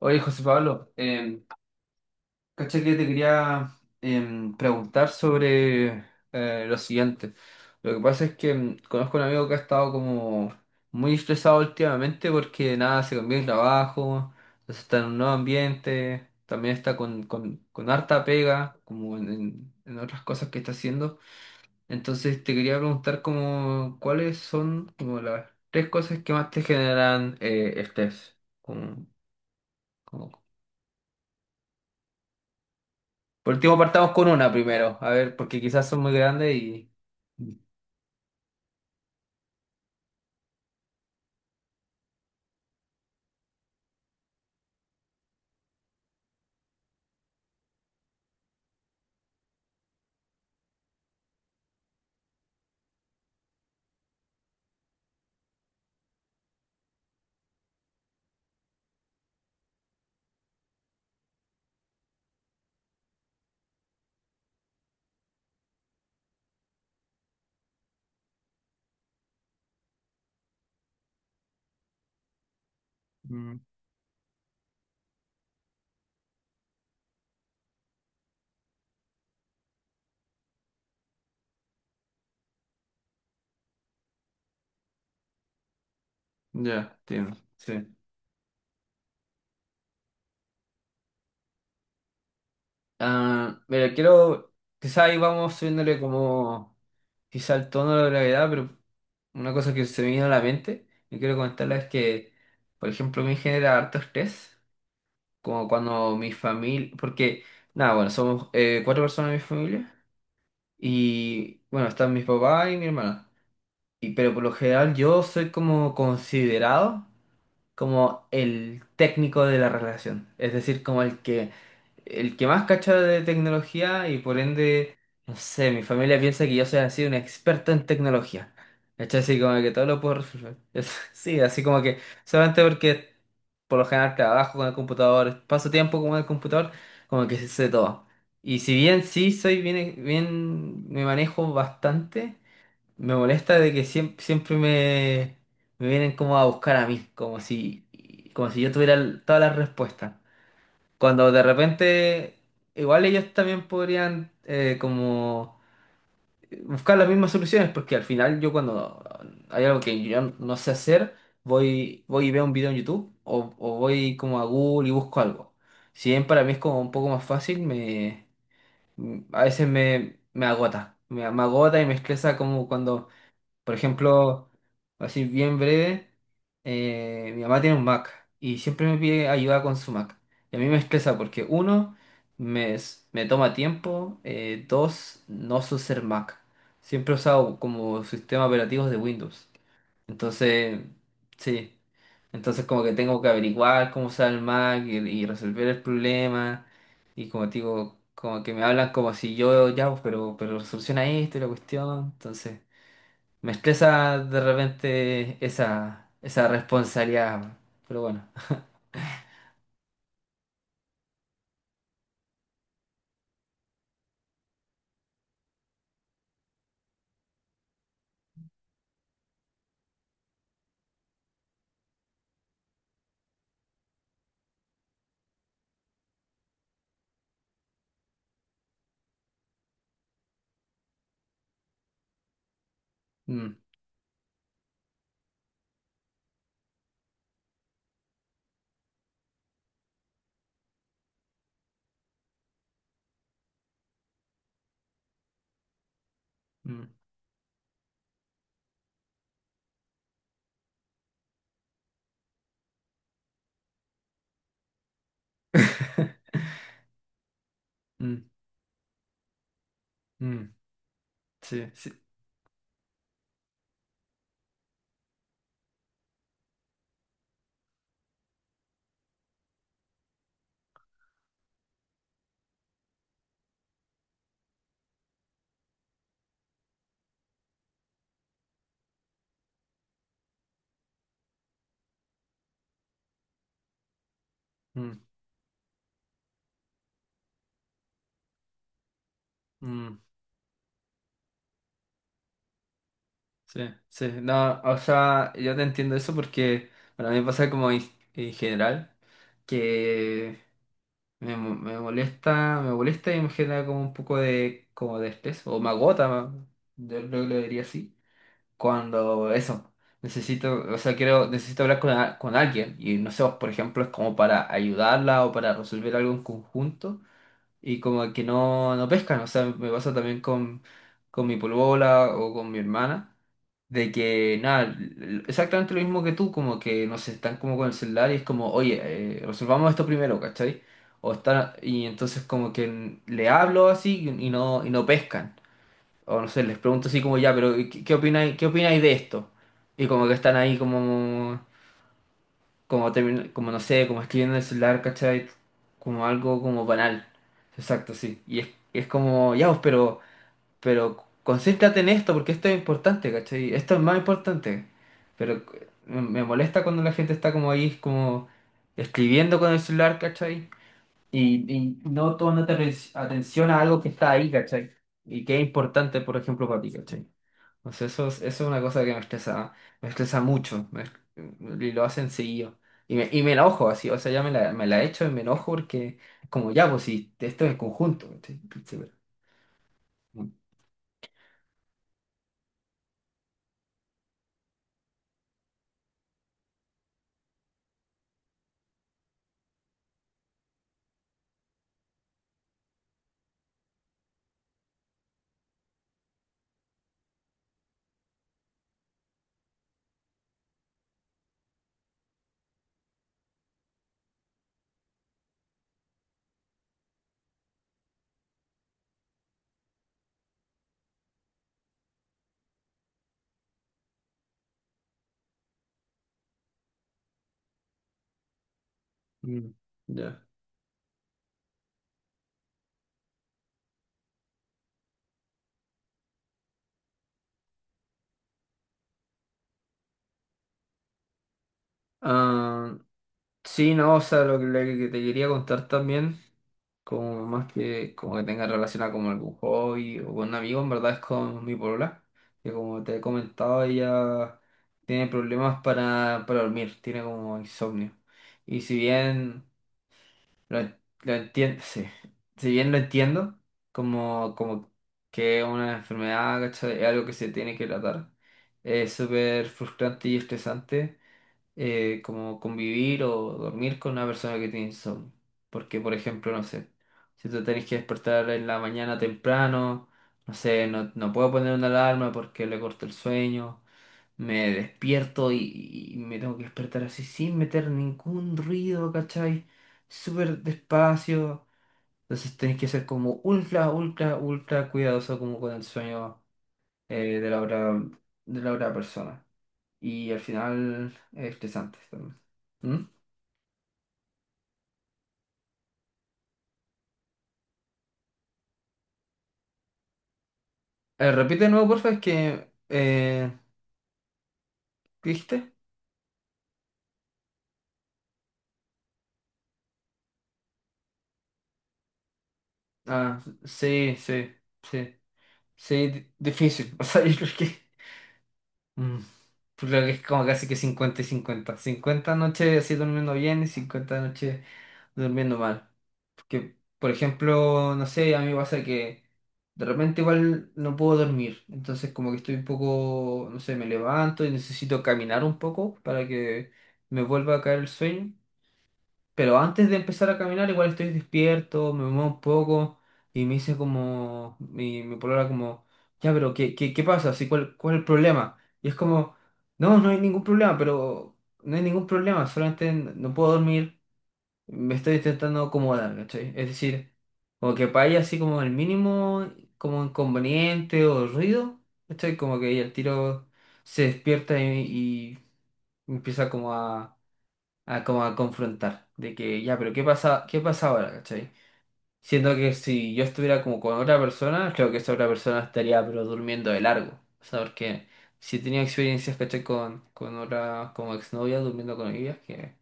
Oye, José Pablo, caché que te quería preguntar sobre lo siguiente. Lo que pasa es que conozco a un amigo que ha estado como muy estresado últimamente porque nada, se cambió de trabajo, entonces está en un nuevo ambiente, también está con harta pega, como en otras cosas que está haciendo. Entonces te quería preguntar como cuáles son como las tres cosas que más te generan estrés. Por último, partamos con una primero. A ver, porque quizás son muy grandes y. Mm, Ya, entiendo. Sí. Ah, mira, quiero. Quizás ahí vamos subiéndole como. Quizá el tono de la gravedad, pero una cosa que se me vino a la mente y quiero comentarla es que, por ejemplo, me genera harto estrés. Como cuando mi familia. Porque, nada, bueno, somos 4 personas en mi familia. Y bueno, están mis papás y mi hermana. Y, pero por lo general yo soy como considerado, como el técnico de la relación, es decir, como el que más cacha de tecnología y por ende, no sé, mi familia piensa que yo soy así un experto en tecnología. ¿Cachai? Así como que todo lo puedo resolver. Es- Sí, así como que solamente porque por lo general trabajo con el computador, paso tiempo con el computador, como que sé todo. Y si bien sí soy bien, me manejo bastante, me molesta de que siempre me vienen como a buscar a mí, como si yo tuviera todas las respuestas. Cuando de repente, igual ellos también podrían como buscar las mismas soluciones, porque al final yo cuando hay algo que yo no sé hacer, voy y veo un video en YouTube o voy como a Google y busco algo. Si bien para mí es como un poco más fácil, a veces me agota. Me agota y me estresa como cuando por ejemplo, así bien breve, mi mamá tiene un Mac y siempre me pide ayuda con su Mac. Y a mí me estresa porque uno, me toma tiempo, dos, no sé ser Mac. Siempre he usado como sistema operativo de Windows. Entonces, sí. Entonces como que tengo que averiguar cómo usar el Mac y resolver el problema. Y como te digo, como que me hablan como si yo, ya, pues, pero soluciona esto y la cuestión. Entonces... me estresa de repente esa responsabilidad, pero bueno. Mm, mm. Mm, mm, sí, sí, mm, mm, sí, sí. No, o sea, yo te entiendo eso porque, bueno, a mí me pasa como en general que me molesta y me genera como un poco de, como de estrés, o me agota, yo creo que lo diría así, cuando eso, necesito, o sea, quiero, necesito hablar con alguien y no sé, por ejemplo, es como para ayudarla o para resolver algo en conjunto y como que no, no pescan, o sea, me pasa también con mi polola o con mi hermana, de que nada, exactamente lo mismo que tú, como que no sé, están como con el celular y es como, oye, resolvamos esto primero, ¿cachai? O están, y entonces como que le hablo así y no, y no pescan o no sé, les pregunto así como ya, pero ¿qué, qué opináis de esto? Y como que están ahí como, como, como no sé, como escribiendo en el celular, ¿cachai? Como algo como banal. Exacto, sí. Y es como, ya, pues, pero concéntrate en esto porque esto es importante, ¿cachai? Esto es más importante. Pero me molesta cuando la gente está como ahí, como escribiendo con el celular, ¿cachai? Y no tomando atención a algo que está ahí, ¿cachai? Y que es importante, por ejemplo, para ti, ¿cachai? Entonces eso, eso es una cosa que me estresa mucho, me y lo hacen seguido. Y y me enojo así, o sea, ya me la echo y me enojo porque como ya, pues si esto es en conjunto, ¿cachai? Sí, pero- Mm, ya. Ah, sí, no, o sea, lo que te quería contar también, como más que como que tenga relación a como algún hobby o con un amigo, en verdad es con mi polola, que como te he comentado, ella tiene problemas para dormir, tiene como insomnio. Y si bien lo, lo entiendo, sí. Si bien lo entiendo, como que una enfermedad, ¿cachai? Es algo que se tiene que tratar. Es súper frustrante y estresante como convivir o dormir con una persona que tiene insomnio. Porque, por ejemplo, no sé, si tú tenés que despertar en la mañana temprano, no sé, no puedo poner una alarma porque le corto el sueño. Me despierto y me tengo que despertar así sin meter ningún ruido, ¿cachai? Súper despacio. Entonces tenés que ser como ultra, ultra, ultra cuidadoso como con el sueño, eh, de la otra, de la otra persona. Y al final es estresante también. ¿Mm? Repite de nuevo, porfa, es que... eh, ¿qué dijiste? Ah, sí, sí, sí. Sí, di- difícil. O sea, yo creo que... Mm, pues creo que es como casi que 50 y 50 50 noches así durmiendo bien y 50 noches durmiendo mal. Porque, por ejemplo, no sé, a mí me pasa que de repente igual no puedo dormir. Entonces como que estoy un poco, no sé, me levanto y necesito caminar un poco para que me vuelva a caer el sueño. Pero antes de empezar a caminar, igual estoy despierto, me muevo un poco y me dice como, mi polola como, ya, pero ¿qué, qué, qué pasa? Así, ¿cuál, cuál es el problema? Y es como, no hay ningún problema, pero no hay ningún problema, solamente no puedo dormir, me estoy intentando acomodar, ¿cachai? Es decir, como que para ella así como el mínimo, como inconveniente o ruido, ¿cachai? Como que ella el tiro se despierta y empieza como a como a confrontar, de que ya, pero qué pasa ahora, ¿cachai? Siendo que si yo estuviera como con otra persona, creo que esa otra persona estaría pero durmiendo de largo, o sea, porque si tenía experiencias, ¿cachai? Con otras como exnovias, durmiendo con ellas,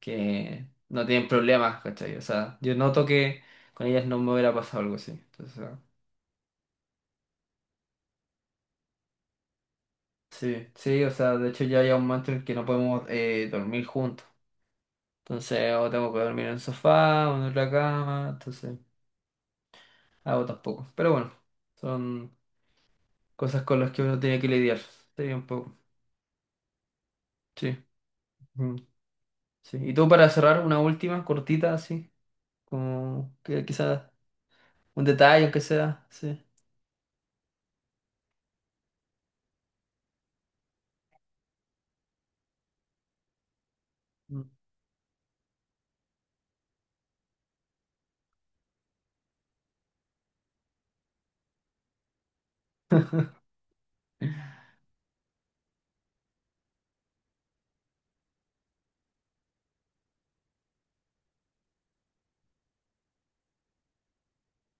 que no tienen problemas, ¿cachai? O sea, yo noto que con ellas no me hubiera pasado algo así, entonces, o sea, sí, sí, o sea, de hecho ya hay un momento en el que no podemos dormir juntos. Entonces, o tengo que dormir en el sofá, o en otra cama, entonces... hago tampoco. Pero bueno, son cosas con las que uno tiene que lidiar. Sí, un poco. Sí. Mm, sí. Y tú para cerrar, una última, cortita, así, como que quizás un detalle, aunque sea. Sí. Mm.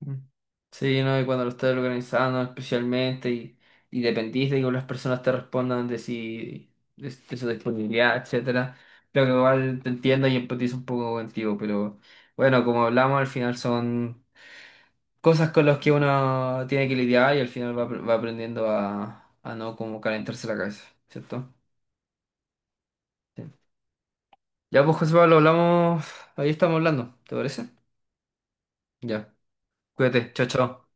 Mm. Sí, ¿no? Y cuando lo estás organizando especialmente y dependís de que las personas te respondan de si de su disponibilidad, etcétera. Creo que igual te entiendo y empatizo un poco contigo, pero bueno, como hablamos, al final son cosas con las que uno tiene que lidiar y al final va aprendiendo a no como calentarse la cabeza, ¿cierto? Sí. Ya pues José Pablo, hablamos, ahí estamos hablando, ¿te parece? Ya, cuídate, chao, chao.